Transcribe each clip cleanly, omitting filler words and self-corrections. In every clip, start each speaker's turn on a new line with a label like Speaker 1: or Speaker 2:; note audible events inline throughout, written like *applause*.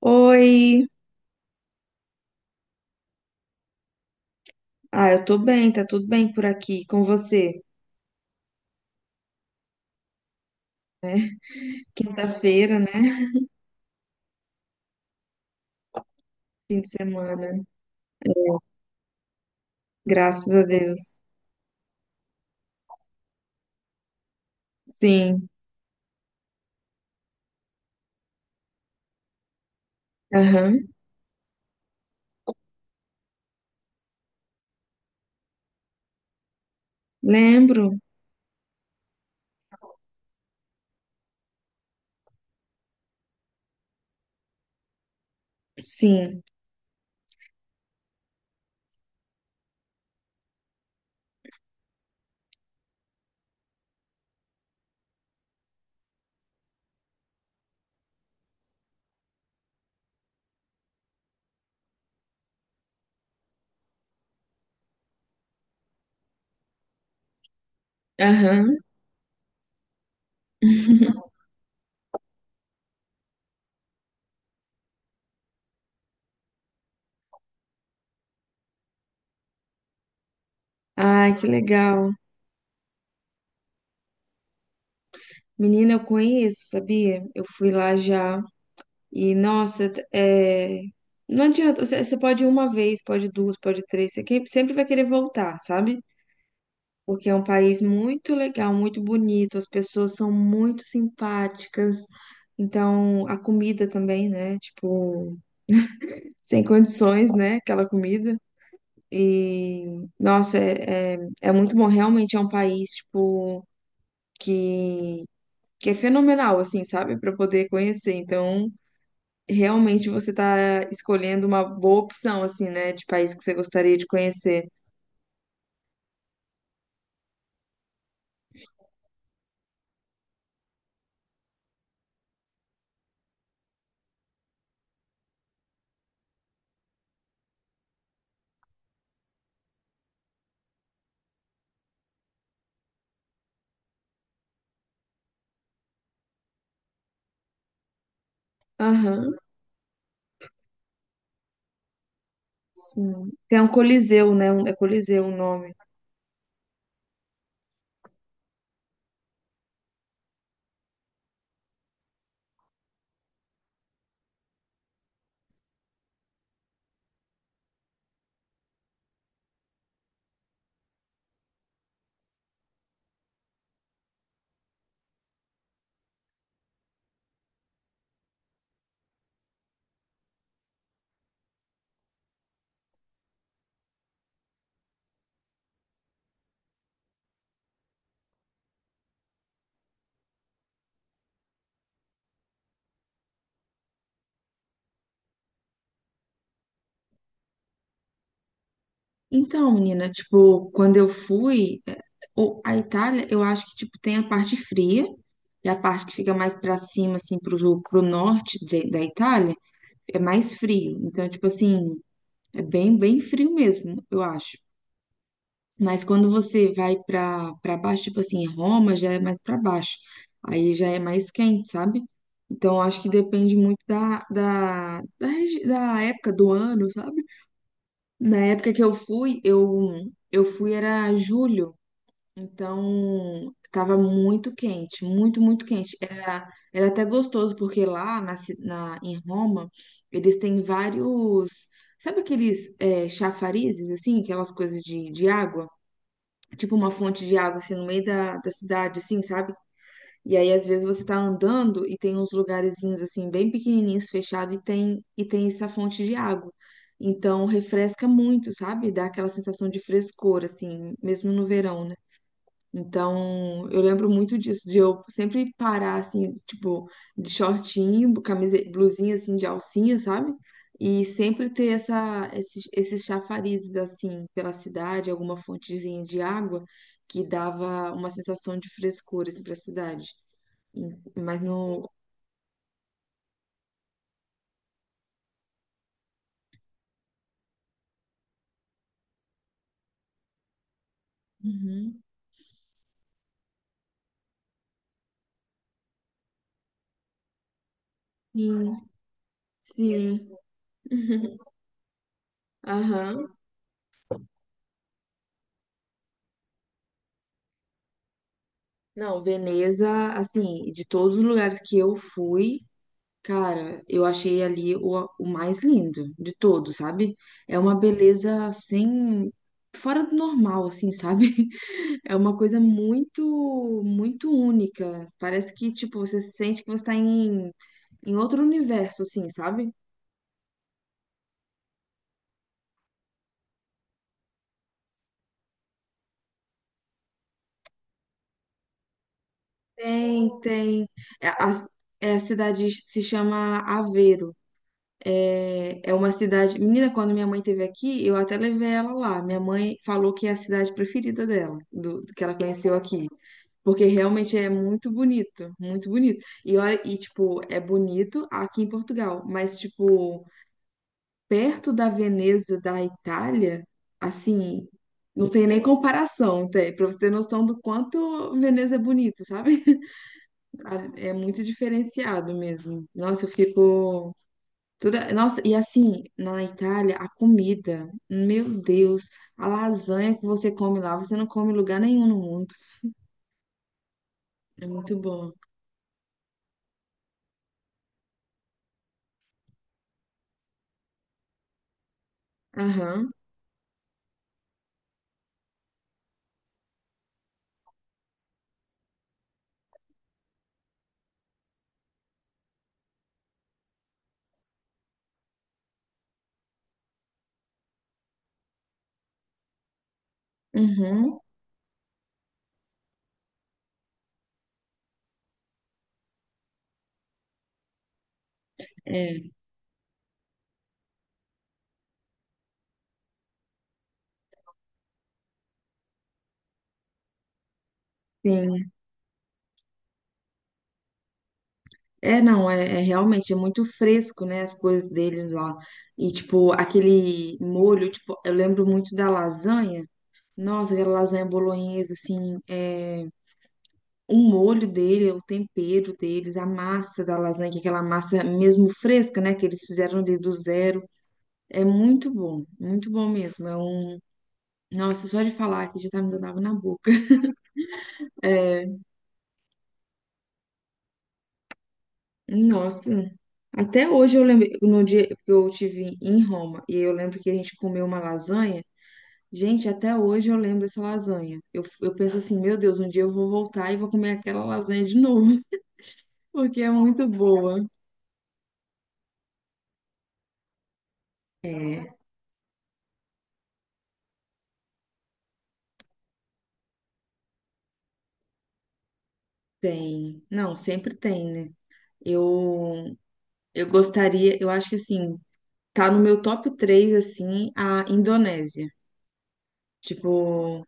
Speaker 1: Oi, eu tô bem, tá tudo bem por aqui com você? Quinta-feira, né? Fim de semana. É, graças a Deus. Sim, aham. Lembro, sim, aham. *laughs* Ai, que legal. Menina, eu conheço, sabia? Eu fui lá já e, nossa, é... não adianta, você pode ir uma vez, pode duas, pode três, sempre vai querer voltar, sabe? Porque é um país muito legal, muito bonito, as pessoas são muito simpáticas. Então, a comida também, né? Tipo, sem condições, né? Aquela comida. E, nossa, é muito bom. Realmente é um país, tipo, que, que é fenomenal, assim, sabe? Para poder conhecer. Então, realmente você tá escolhendo uma boa opção, assim, né? De país que você gostaria de conhecer. Aham, sim. Tem um Coliseu, né? É Coliseu o nome. Então, menina, tipo, quando eu fui, a Itália, eu acho que, tipo, tem a parte fria, e a parte que fica mais pra cima, assim, pro norte da Itália, é mais frio. Então, tipo assim, é bem, bem frio mesmo, eu acho. Mas quando você vai pra baixo, tipo assim, Roma já é mais pra baixo. Aí já é mais quente, sabe? Então, eu acho que depende muito da época do ano, sabe? Na época que eu fui, eu fui era julho, então tava muito quente, muito, muito quente. Era, era até gostoso, porque lá em Roma, eles têm vários. Sabe aqueles chafarizes, assim, aquelas coisas de água? Tipo uma fonte de água, assim, no meio da cidade, assim, sabe? E aí, às vezes, você tá andando e tem uns lugarzinhos assim, bem pequenininhos, fechados, e tem essa fonte de água. Então, refresca muito, sabe? Dá aquela sensação de frescor, assim, mesmo no verão, né? Então, eu lembro muito disso, de eu sempre parar, assim, tipo, de shortinho, camisa, blusinha, assim, de alcinha, sabe? E sempre ter esses chafarizes, assim, pela cidade, alguma fontezinha de água que dava uma sensação de frescor, assim, pra cidade. Mas no. Uhum. Sim. Sim. *laughs* Aham. Não, Veneza, assim, de todos os lugares que eu fui, cara, eu achei ali o mais lindo de todos, sabe? É uma beleza sem. Fora do normal, assim, sabe? *laughs* É uma coisa muito, muito única. Parece que, tipo, você sente que você tá em outro universo, assim, sabe? Tem, tem. É, a, é, a cidade se chama Aveiro. É, é uma cidade. Menina, quando minha mãe teve aqui, eu até levei ela lá. Minha mãe falou que é a cidade preferida dela, do que ela conheceu aqui. Porque realmente é muito bonito, muito bonito. E olha, e tipo, é bonito aqui em Portugal, mas tipo, perto da Veneza da Itália, assim, não tem nem comparação, tá? Pra você ter noção do quanto Veneza é bonito, sabe? *laughs* É muito diferenciado mesmo. Nossa, eu fico nossa, e assim, na Itália, a comida, meu Deus, a lasanha que você come lá, você não come em lugar nenhum no mundo. É muito bom. Aham, uhum, é, sim. É, não, é realmente, é muito fresco, né, as coisas deles lá. E, tipo, aquele molho, tipo, eu lembro muito da lasanha. Nossa, aquela lasanha bolonhesa, assim, é, o molho dele, o tempero deles, a massa da lasanha, que é aquela massa mesmo fresca, né, que eles fizeram ali do zero. É muito bom mesmo. É um... nossa, só de falar que já tá me dando água na boca. *laughs* Nossa, até hoje eu lembro, no dia que eu tive em Roma, e eu lembro que a gente comeu uma lasanha. Gente, até hoje eu lembro dessa lasanha. Eu penso assim, meu Deus, um dia eu vou voltar e vou comer aquela lasanha de novo, *laughs* porque é muito boa. É, tem. Não, sempre tem, né? Eu, eu gostaria, eu acho que assim, tá no meu top 3 assim, a Indonésia. Tipo,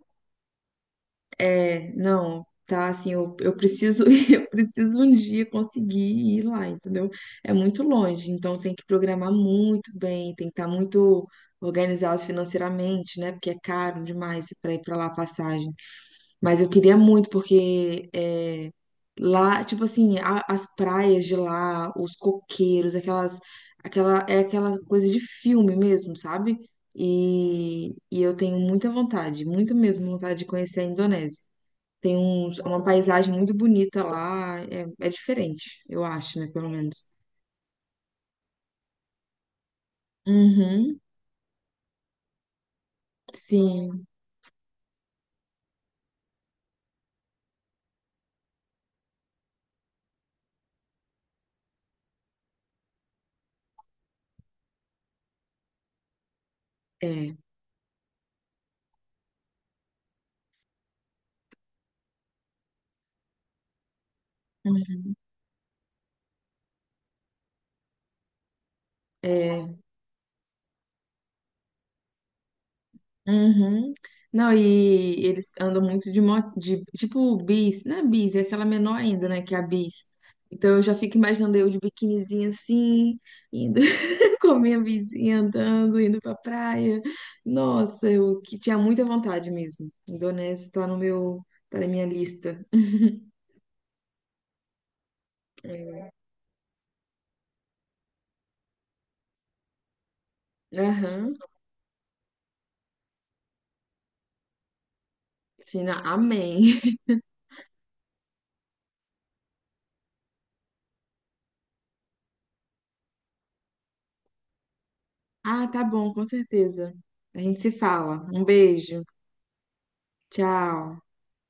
Speaker 1: é, não, tá assim, eu preciso, *laughs* eu preciso um dia conseguir ir lá, entendeu? É muito longe, então tem que programar muito bem, tem que estar muito organizado financeiramente, né? Porque é caro demais para ir para lá a passagem. Mas eu queria muito, porque é, lá, tipo assim, as praias de lá, os coqueiros, aquela, é aquela coisa de filme mesmo, sabe? E eu tenho muita vontade, muita mesmo vontade de conhecer a Indonésia. Tem uns, é uma paisagem muito bonita lá. É, é diferente, eu acho, né? Pelo menos. Uhum, sim, é. Uhum, é. Uhum. Não, e eles andam muito de moto, de, tipo bis, não é bis, é aquela menor ainda, né, que é a bis. Então eu já fico imaginando eu de biquinizinha assim, indo *laughs* com a minha bisinha andando, indo pra praia. Nossa, eu que tinha muita vontade mesmo. Indonésia tá no meu, tá na minha lista. É. Aham. Sina, amém. *laughs* Ah, tá bom, com certeza. A gente se fala. Um beijo. Tchau.